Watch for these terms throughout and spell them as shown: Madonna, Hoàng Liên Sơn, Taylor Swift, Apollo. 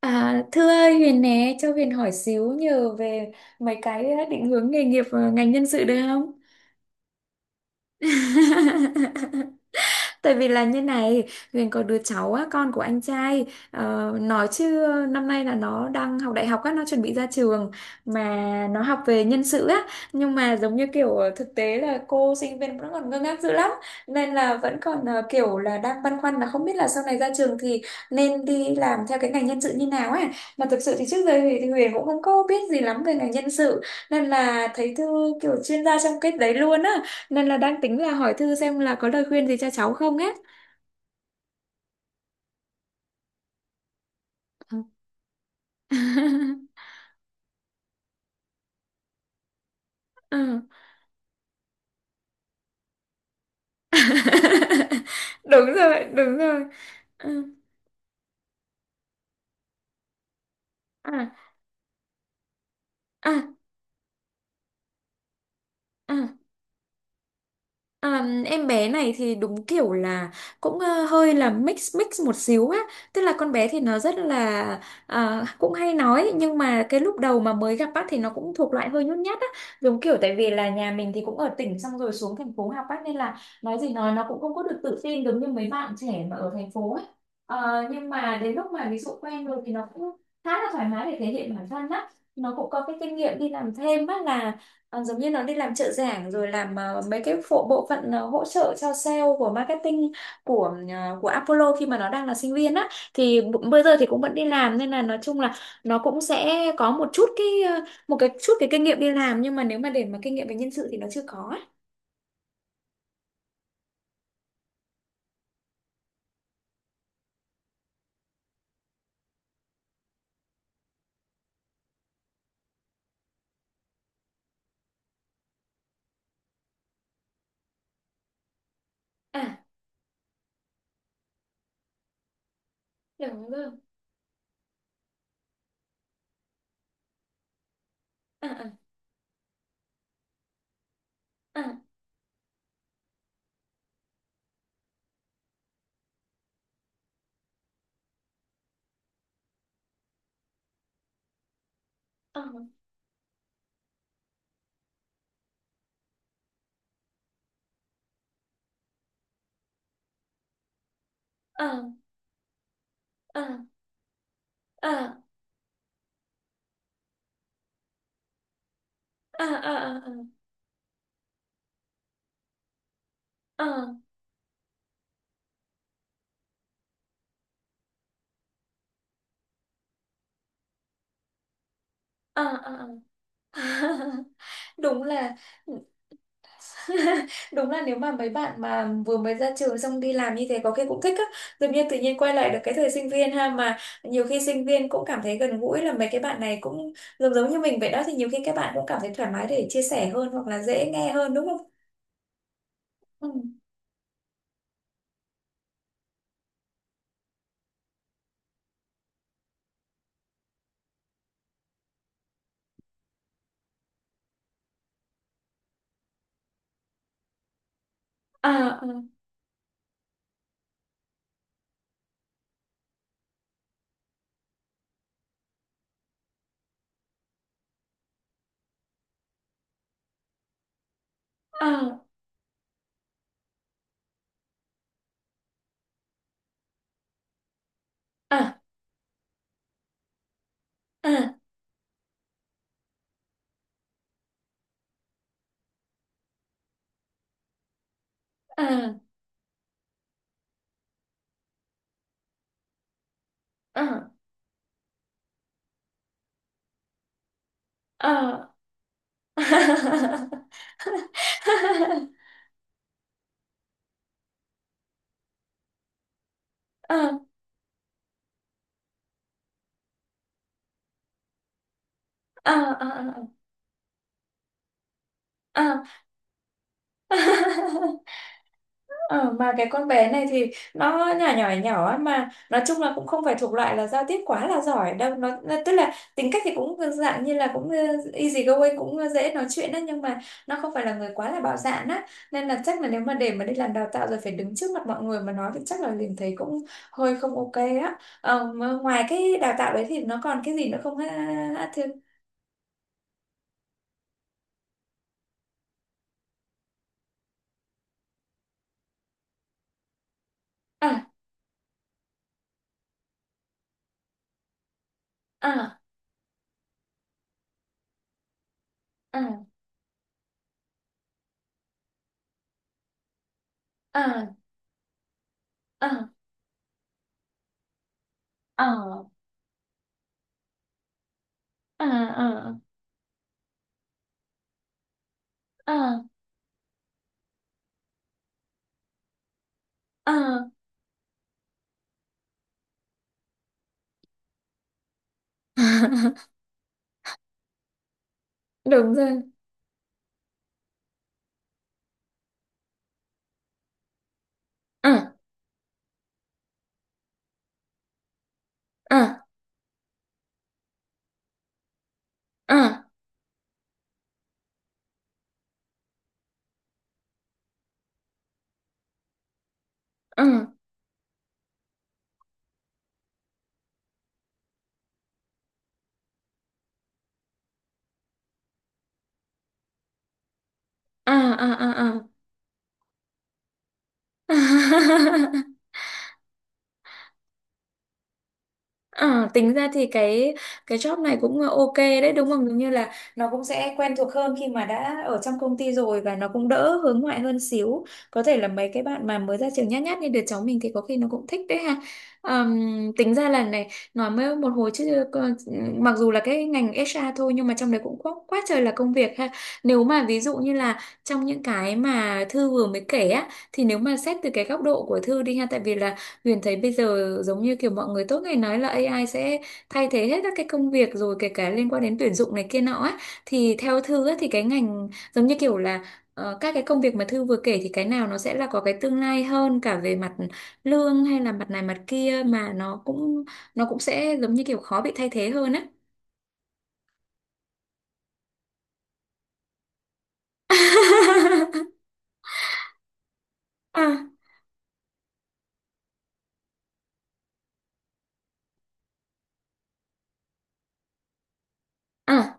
À, thưa ơi, Huyền nè, cho Huyền hỏi xíu nhờ về mấy cái định hướng nghề nghiệp và ngành nhân sự được không? Tại vì là như này, Huyền có đứa cháu á, con của anh trai, nói chứ năm nay là nó đang học đại học á, nó chuẩn bị ra trường mà nó học về nhân sự á, nhưng mà giống như kiểu thực tế là cô sinh viên vẫn còn ngơ ngác dữ lắm, nên là vẫn còn kiểu là đang băn khoăn là không biết là sau này ra trường thì nên đi làm theo cái ngành nhân sự như nào á. Mà thực sự thì trước giờ thì Huyền cũng không có biết gì lắm về ngành nhân sự, nên là thấy Thư kiểu chuyên gia trong cái đấy luôn á, nên là đang tính là hỏi thư xem là có lời khuyên gì cho cháu không á. Ừ. Ừ. Đúng rồi, đúng rồi. Ừ. À, à, à. À, em bé này thì đúng kiểu là cũng hơi là mix mix một xíu á, tức là con bé thì nó rất là cũng hay nói, nhưng mà cái lúc đầu mà mới gặp bác thì nó cũng thuộc loại hơi nhút nhát á, giống kiểu tại vì là nhà mình thì cũng ở tỉnh xong rồi xuống thành phố học bác, nên là nói gì nói nó cũng không có được tự tin giống như mấy bạn trẻ mà ở thành phố ấy. Nhưng mà đến lúc mà ví dụ quen rồi thì nó cũng khá là thoải mái để thể hiện bản thân á. Nó cũng có cái kinh nghiệm đi làm thêm á, là giống như nó đi làm trợ giảng rồi làm mấy cái phụ bộ phận hỗ trợ cho sale của marketing của của Apollo khi mà nó đang là sinh viên á, thì bây giờ thì cũng vẫn đi làm, nên là nói chung là nó cũng sẽ có một chút cái ờ, một chút cái kinh nghiệm đi làm, nhưng mà nếu mà để mà kinh nghiệm về nhân sự thì nó chưa có á. À, đúng rồi. À, à, à, à, à, à, à, à, à, à, à, à, à, à. Đúng là. Đúng là nếu mà mấy bạn mà vừa mới ra trường xong đi làm như thế có khi cũng thích á, tự nhiên quay lại được cái thời sinh viên ha, mà nhiều khi sinh viên cũng cảm thấy gần gũi là mấy cái bạn này cũng giống giống như mình vậy đó, thì nhiều khi các bạn cũng cảm thấy thoải mái để chia sẻ hơn, hoặc là dễ nghe hơn đúng không? Ừ. À, à, à, à, à, à, à, à. À, à, à, à, à. Ờ, mà cái con bé này thì nó nhỏ nhỏ nhỏ á, mà nói chung là cũng không phải thuộc loại là giao tiếp quá là giỏi đâu. Tức là tính cách thì cũng dạng như là cũng easy going, cũng dễ nói chuyện á, nhưng mà nó không phải là người quá là bạo dạn á, nên là chắc là nếu mà để mà đi làm đào tạo rồi phải đứng trước mặt mọi người mà nói thì chắc là liền thấy cũng hơi không ok á. Ờ, mà ngoài cái đào tạo đấy thì nó còn cái gì nữa không ha? Ha, Thư? À, à, à, à, à, à, à, à, à, à. Đúng rồi. À, à, à, à, à, à, à, à. À, tính ra thì cái job này cũng ok đấy đúng không? Giống như là nó cũng sẽ quen thuộc hơn khi mà đã ở trong công ty rồi, và nó cũng đỡ hướng ngoại hơn xíu. Có thể là mấy cái bạn mà mới ra trường nhát nhát như đứa cháu mình thì có khi nó cũng thích đấy ha. Tính ra là này, nói mới một hồi chứ mặc dù là cái ngành HR thôi, nhưng mà trong đấy cũng quá, quá trời là công việc ha. Nếu mà ví dụ như là trong những cái mà Thư vừa mới kể á, thì nếu mà xét từ cái góc độ của Thư đi ha, tại vì là Huyền thấy bây giờ giống như kiểu mọi người tốt ngày nói là AI sẽ thay thế hết các cái công việc rồi, kể cả liên quan đến tuyển dụng này kia nọ á, thì theo Thư á, thì cái ngành giống như kiểu là các cái công việc mà Thư vừa kể thì cái nào nó sẽ là có cái tương lai hơn cả về mặt lương, hay là mặt này mặt kia, mà nó cũng sẽ giống như kiểu khó bị thay thế hơn á. À, à,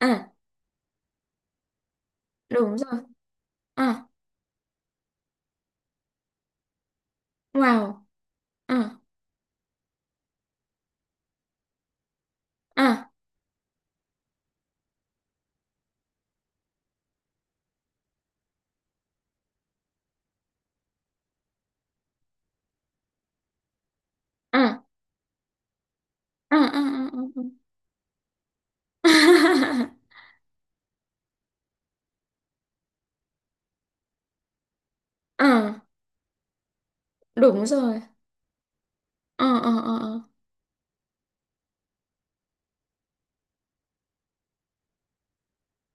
à, đúng rồi. À, wow. À, à, à, à, à, à, à. À. Ờ, đúng rồi. Ờ, ờ, ờ, ờ,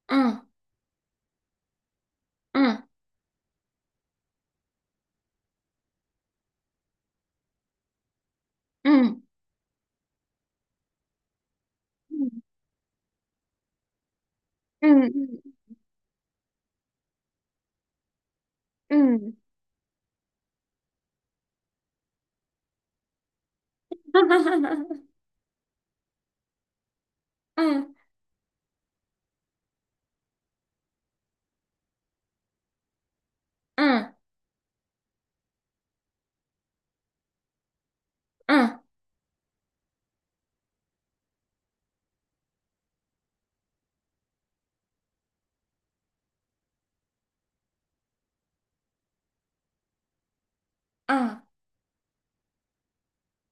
ờ, ờ. Ừ, ừ, ừ, ừ, ừ. Ờ, ờ, ờ, ờ,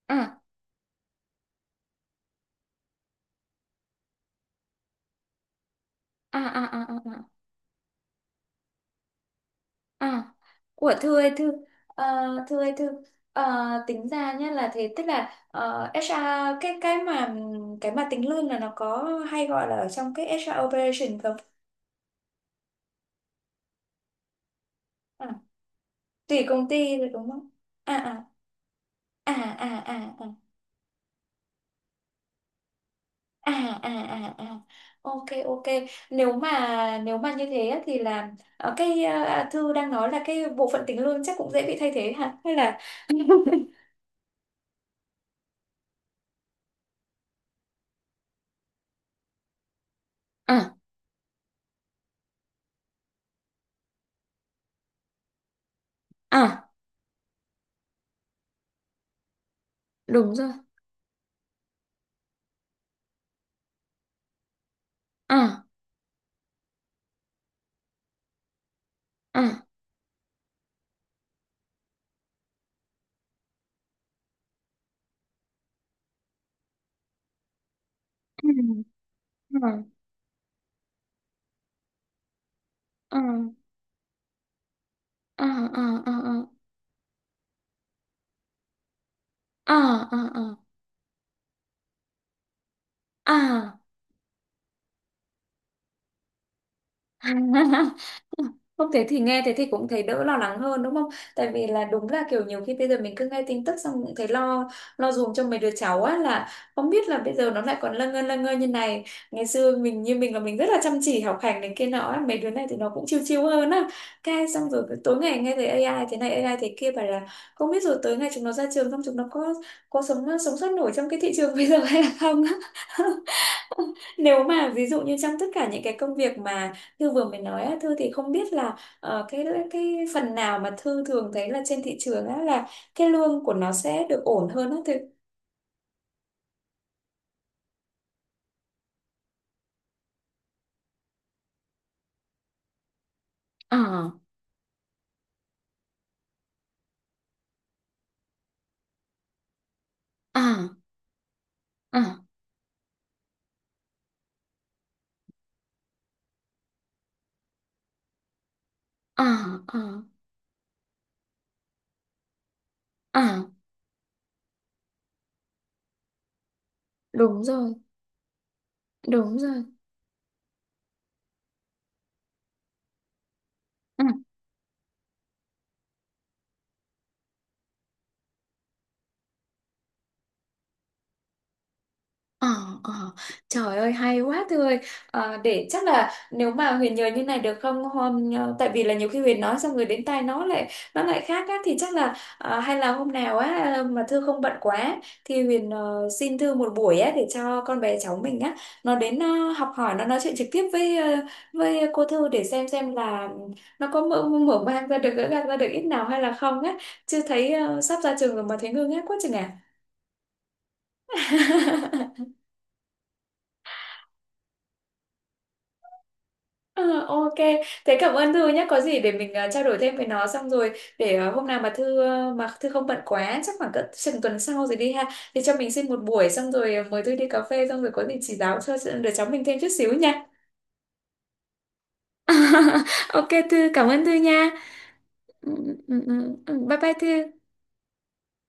ờ, ờ, ờ, ờ, ờ, ờ, ờ. Của thư ơi thư. ờ, Thư ơi thư. Tính ra nhé là thế, tức là HR, cái cái mà cái mà tính lương là nó có hay gọi là ở trong cái HR operation không? À, tùy công ty rồi đúng không. À, à, à, à, à, à, à, à, à, à. Ok, ok, nếu mà như thế á, thì là thư đang nói là cái bộ phận tính lương chắc cũng dễ bị thay thế hả, hay là à, à, đúng rồi. À, à. Ừ, ừ, ừ, ừ, ừ, ừ, ừ, ừ, ừ, ừ, ừ. Không, thế thì nghe thế thì cũng thấy đỡ lo lắng hơn đúng không? Tại vì là đúng là kiểu nhiều khi bây giờ mình cứ nghe tin tức xong cũng thấy lo, lo dùm cho mấy đứa cháu á, là không biết là bây giờ nó lại còn lâng ngơ như này. Ngày xưa mình như mình là mình rất là chăm chỉ học hành này kia nọ á, mấy đứa này thì nó cũng chill chill hơn á. Cái xong rồi cứ tối ngày nghe thấy AI thế này, AI thế kia, bảo là không biết rồi tới ngày chúng nó ra trường không, chúng nó có sống sống sót nổi trong cái thị trường bây giờ hay là không á. Nếu mà ví dụ như trong tất cả những cái công việc mà Thư vừa mới nói á, Thư thì không biết là cái phần nào mà Thư thường thấy là trên thị trường á, là cái lương của nó sẽ được ổn hơn á Thư. Ờ, ờ, ờ, ờ, ờ, ờ. Đúng rồi, đúng rồi. Ờ, ờ. Trời ơi hay quá Thư ơi. Để chắc là nếu mà Huyền nhờ như này được không, hôm tại vì là nhiều khi Huyền nói xong rồi đến tai nó lại khác á, thì chắc là hay là hôm nào á, mà Thư không bận quá thì Huyền xin Thư một buổi á để cho con bé cháu mình á nó đến học hỏi, nó nói chuyện trực tiếp với với cô Thư, để xem là nó có mở mở mang ra được, gỡ gạc ra được ít nào hay là không á, chưa thấy sắp ra trường rồi mà thấy ngơ ngác quá chừng à. Ờ, ok, thế cảm ơn Thư nhé. Có gì để mình trao đổi thêm với nó xong rồi, để hôm nào mà Thư không bận quá, chắc khoảng cỡ chừng tuần sau rồi đi ha. Thì cho mình xin một buổi xong rồi mời Thư đi cà phê, xong rồi có gì chỉ giáo cho đứa cháu mình thêm chút xíu nha. Ok Thư, cảm ơn Thư nha. Ừ, ừ, ừ. Bye bye Thư.